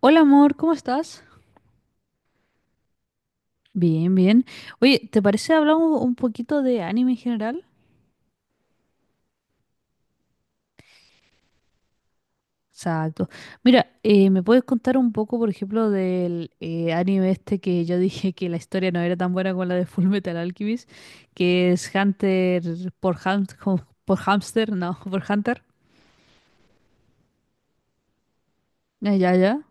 Hola amor, ¿cómo estás? Bien, bien. Oye, ¿te parece hablamos un poquito de anime en general? Exacto. Mira, ¿me puedes contar un poco, por ejemplo, del anime este que yo dije que la historia no era tan buena como la de Fullmetal Alchemist, que es Hunter por por Hamster, no, por Hunter? Ya, ya, ya.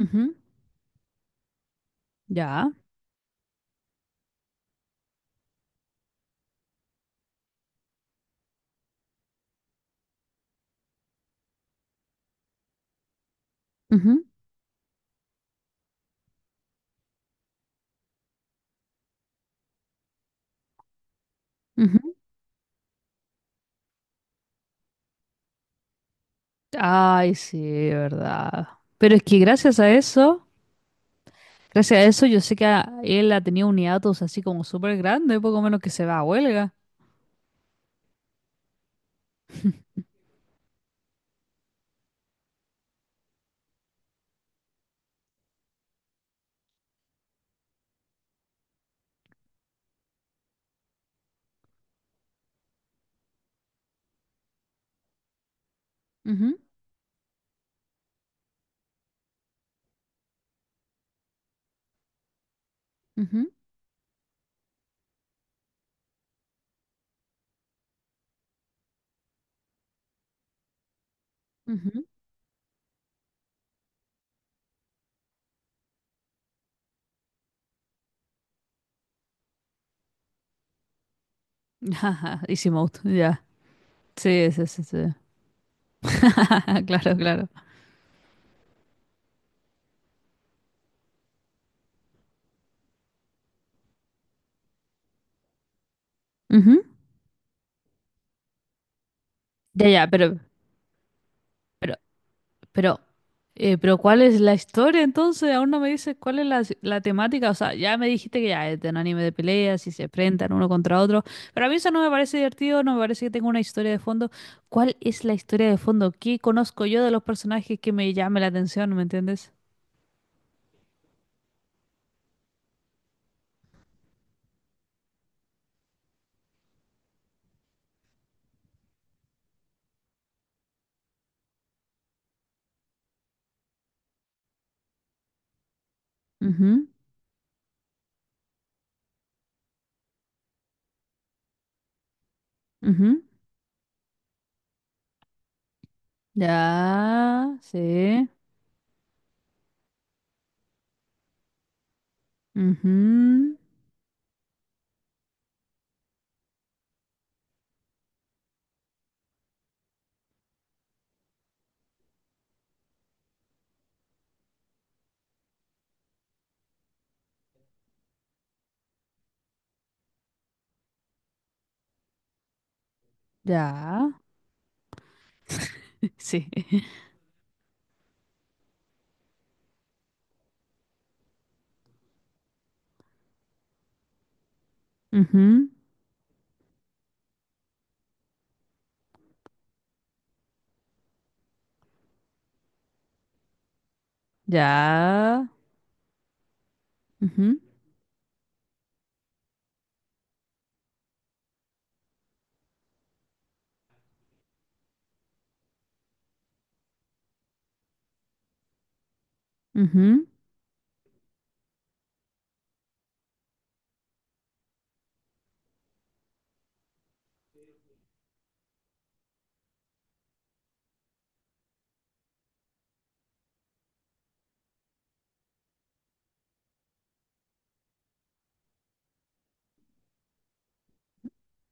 Ujú, ya. Ujú, ujú. Ay, sí, verdad. Pero es que gracias a eso. Gracias a eso yo sé que él ha tenido un hiatus así como súper grande, poco menos que se va a huelga. Ujú, ujú, ujú. Ajá, Easy mode, ya. Sí, sí, sí, sí. Claro, claro. Ujú. Ya, ya, pero, Pero, pero ¿cuál es la historia entonces? Aún no me dices cuál es la temática. O sea, ya me dijiste que ya es de un anime de peleas y se enfrentan uno contra otro. Pero a mí eso no me parece divertido, no me parece que tenga una historia de fondo. ¿Cuál es la historia de fondo? ¿Qué conozco yo de los personajes que me llame la atención? ¿Me entiendes? Ujú, ujú. Ya, sí. Ujú, ya. Sí. Ujú, ya. Ujú, ujú.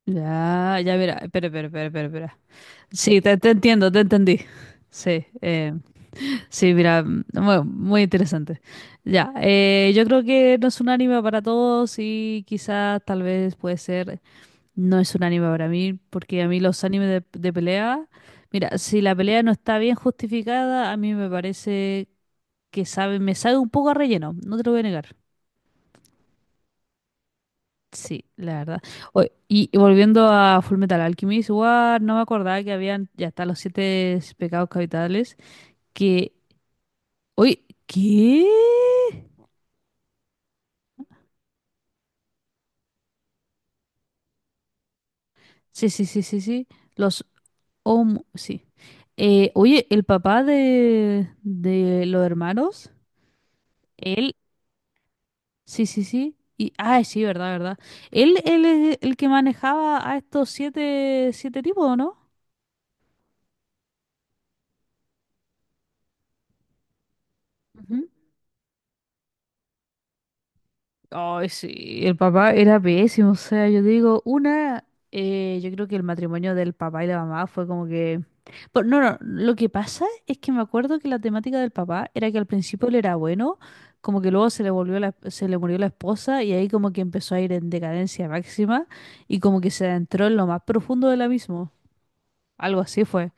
Ya, ya verá. Espera, espera, espera, espera, espera. Sí, te entiendo, te entendí. Sí, sí, mira, bueno, muy interesante. Ya, yo creo que no es un anime para todos y quizás tal vez puede ser, no es un anime para mí, porque a mí los animes de pelea, mira, si la pelea no está bien justificada, a mí me parece que sabe, me sabe un poco a relleno, no te lo voy a negar. Sí, la verdad. Y volviendo a Fullmetal Alchemist, igual no me acordaba que habían ya está los siete pecados capitales. Que. Uy, ¿qué? Sí, sí, sí, sí, sí. Los Om. Sí. Oye, el papá de los hermanos, él. Sí, sí, sí. Y, ah, sí, verdad, verdad. Él es el que manejaba a estos siete, siete tipos, ¿no? Ay, sí, el papá era pésimo, o sea, yo digo, una, yo creo que el matrimonio del papá y la mamá fue como que. Pero no, no, lo que pasa es que me acuerdo que la temática del papá era que al principio él era bueno, como que luego se le volvió la, se le murió la esposa y ahí como que empezó a ir en decadencia máxima y como que se adentró en lo más profundo de la abismo, algo así fue.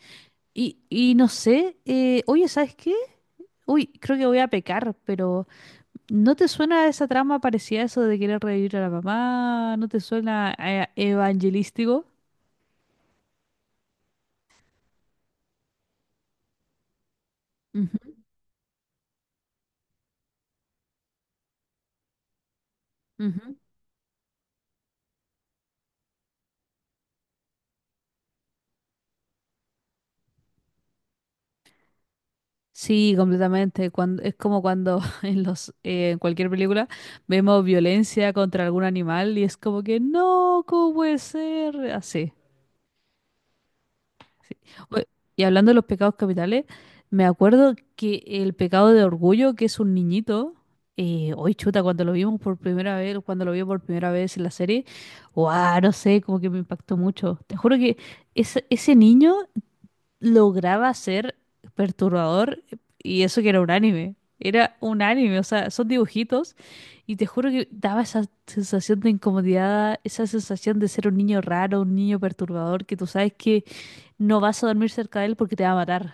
Y no sé, oye, ¿sabes qué? Uy, creo que voy a pecar, pero. ¿No te suena esa trama parecida a eso de querer revivir a la mamá? ¿No te suena evangelístico? Ujú, ujú. Sí, completamente. Cuando, es como cuando en cualquier película vemos violencia contra algún animal y es como que no, ¿cómo puede ser? Así. Sí. Oye, y hablando de los pecados capitales, me acuerdo que el pecado de orgullo, que es un niñito, hoy chuta, cuando lo vi por primera vez en la serie, wow, no sé, como que me impactó mucho. Te juro que ese niño lograba ser perturbador y eso que era un anime. Era un anime, o sea, son dibujitos y te juro que daba esa sensación de incomodidad, esa sensación de ser un niño raro, un niño perturbador, que tú sabes que no vas a dormir cerca de él porque te va a matar.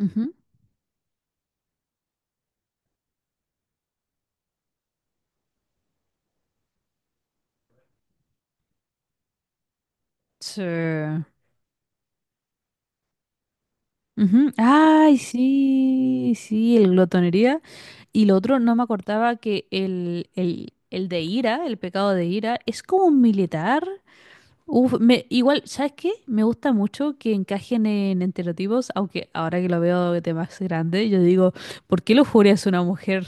Ujú. Sí. Ujú. Ay, sí, sí, el glotonería. Y lo otro, no me acordaba que el, el de ira, el pecado de ira, es como un militar. Uf, igual, ¿sabes qué? Me gusta mucho que encajen en estereotipos, aunque ahora que lo veo de más grande, yo digo, ¿por qué lujuria es una mujer?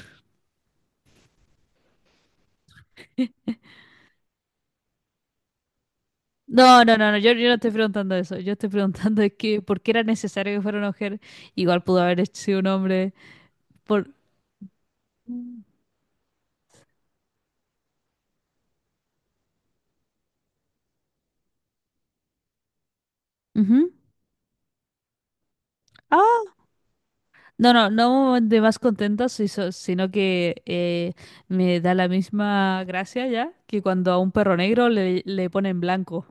No, no, no, no, yo no estoy preguntando eso. Yo estoy preguntando es que, ¿por qué era necesario que fuera una mujer? Igual pudo haber sido un hombre. Por. Ujú. Ah, no, no, no de más contenta, si sino que me da la misma gracia ya que cuando a un perro negro le ponen blanco.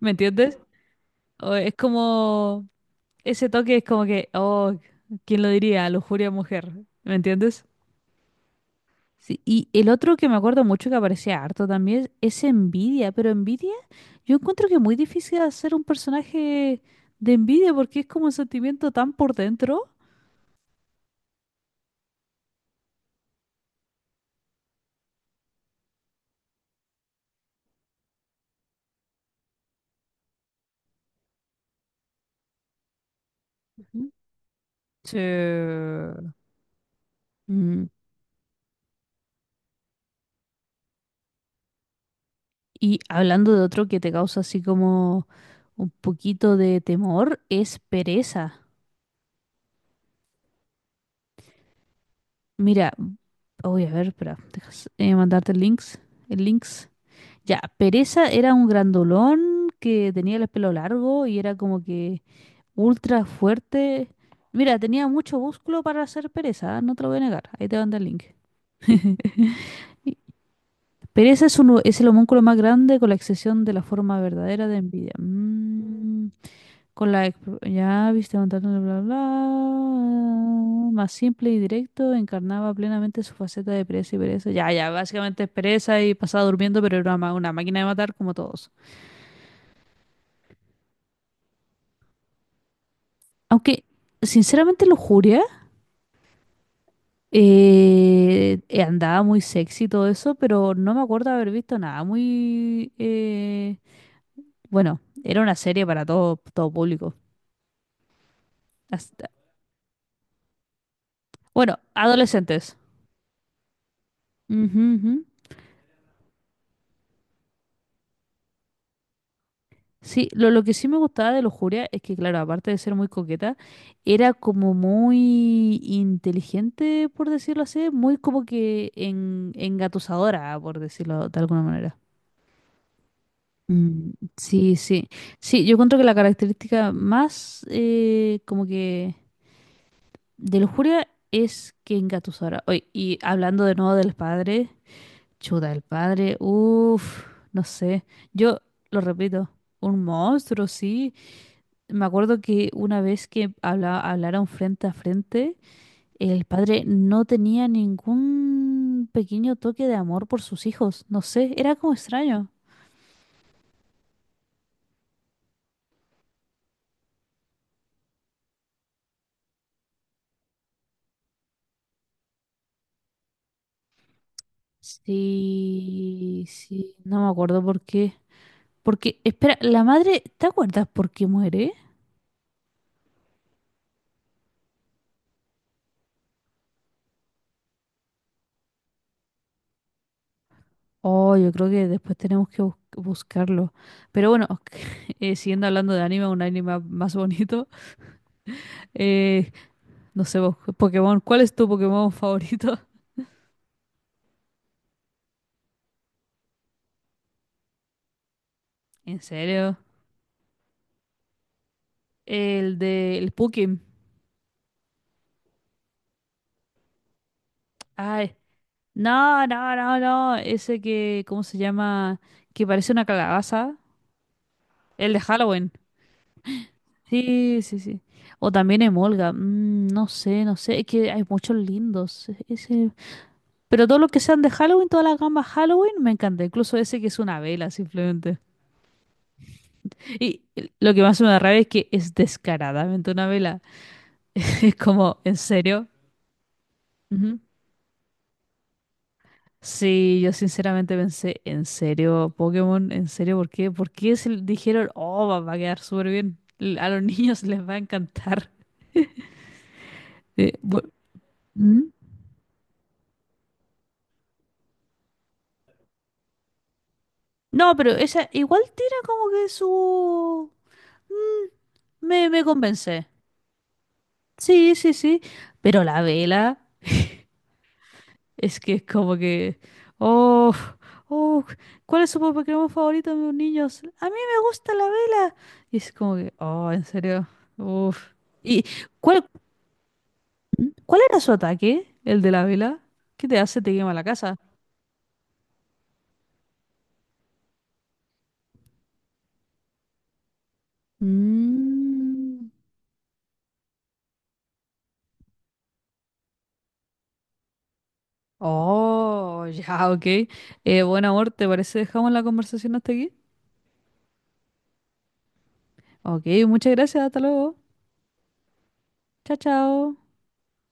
¿Me entiendes? O es como, ese toque es como que, oh, ¿quién lo diría? Lujuria mujer. ¿Me entiendes? Sí, y el otro que me acuerdo mucho que aparecía harto también es Envidia, pero Envidia yo encuentro que es muy difícil hacer un personaje de Envidia porque es como un sentimiento tan por dentro. Sí. Mm. Y hablando de otro que te causa así como un poquito de temor, es pereza. Mira, voy a ver, espera, dejas mandarte el links. Ya, pereza era un grandolón que tenía el pelo largo y era como que ultra fuerte. Mira, tenía mucho músculo para hacer pereza, ¿eh? No te lo voy a negar. Ahí te mando el link. Y Pereza es el homúnculo más grande con la excepción de la forma verdadera de envidia. Mm. Ya viste contando bla bla bla, más simple y directo, encarnaba plenamente su faceta de pereza y pereza. Ya, ya, básicamente es pereza y pasaba durmiendo, pero era una máquina de matar como todos. Aunque, sinceramente, Lujuria andaba muy sexy y todo eso, pero no me acuerdo haber visto nada muy bueno, era una serie para todo, todo público. Hasta- bueno, adolescentes. Ujú, ujú. Sí, lo que sí me gustaba de Lujuria es que, claro, aparte de ser muy coqueta, era como muy inteligente, por decirlo así, muy como que engatusadora, por decirlo de alguna manera. Mm, sí, sí. Sí, yo encuentro que la característica más como que de Lujuria es que engatusadora. Oye, y hablando de nuevo del padre, chuta, el padre, uff, no sé. Yo lo repito, un monstruo, sí. Me acuerdo que una vez que hablaron frente a frente, el padre no tenía ningún pequeño toque de amor por sus hijos. No sé, era como extraño. Sí, sí, no me acuerdo por qué. Porque, espera, la madre, ¿te acuerdas por qué muere? Oh, yo creo que después tenemos que buscarlo. Pero bueno, siguiendo hablando de anime, un anime más bonito. eh, no sé, vos, Pokémon, ¿cuál es tu Pokémon favorito? ¿En serio? El de el Pukim. Ay, no, no, no, no. Ese que, ¿cómo se llama? Que parece una calabaza. El de Halloween. Sí, sí, sí. O también Emolga. No sé, no sé. Es que hay muchos lindos. Ese. Pero todos los que sean de Halloween, todas las gamas Halloween, me encanta. Incluso ese que es una vela, simplemente. Y lo que más me da rabia es que es descaradamente una vela. Es como, ¿en serio? Ujú. Sí, yo sinceramente pensé, ¿en serio, Pokémon? ¿En serio? ¿Por qué? ¿Por qué se le dijeron, oh, va a quedar súper bien? A los niños les va a encantar. Eh, bu- ¿Mm? No, pero esa igual tira como que su. Mm, me convencé. Sí, sí, sí. Pero la vela es que es como que. Oh, oh, ¿cuál es su Pokémon favorito de los niños? A mí me gusta la vela. Y es como que, oh, en serio. Uf. ¿Y cuál? ¿Cuál era su ataque? ¿El de la vela? ¿Qué te hace? Te quema la casa. Mm. Oh, ya, ok. Buen amor, ¿te parece? Dejamos la conversación hasta aquí. Ok, muchas gracias. Hasta luego. Chao, chao.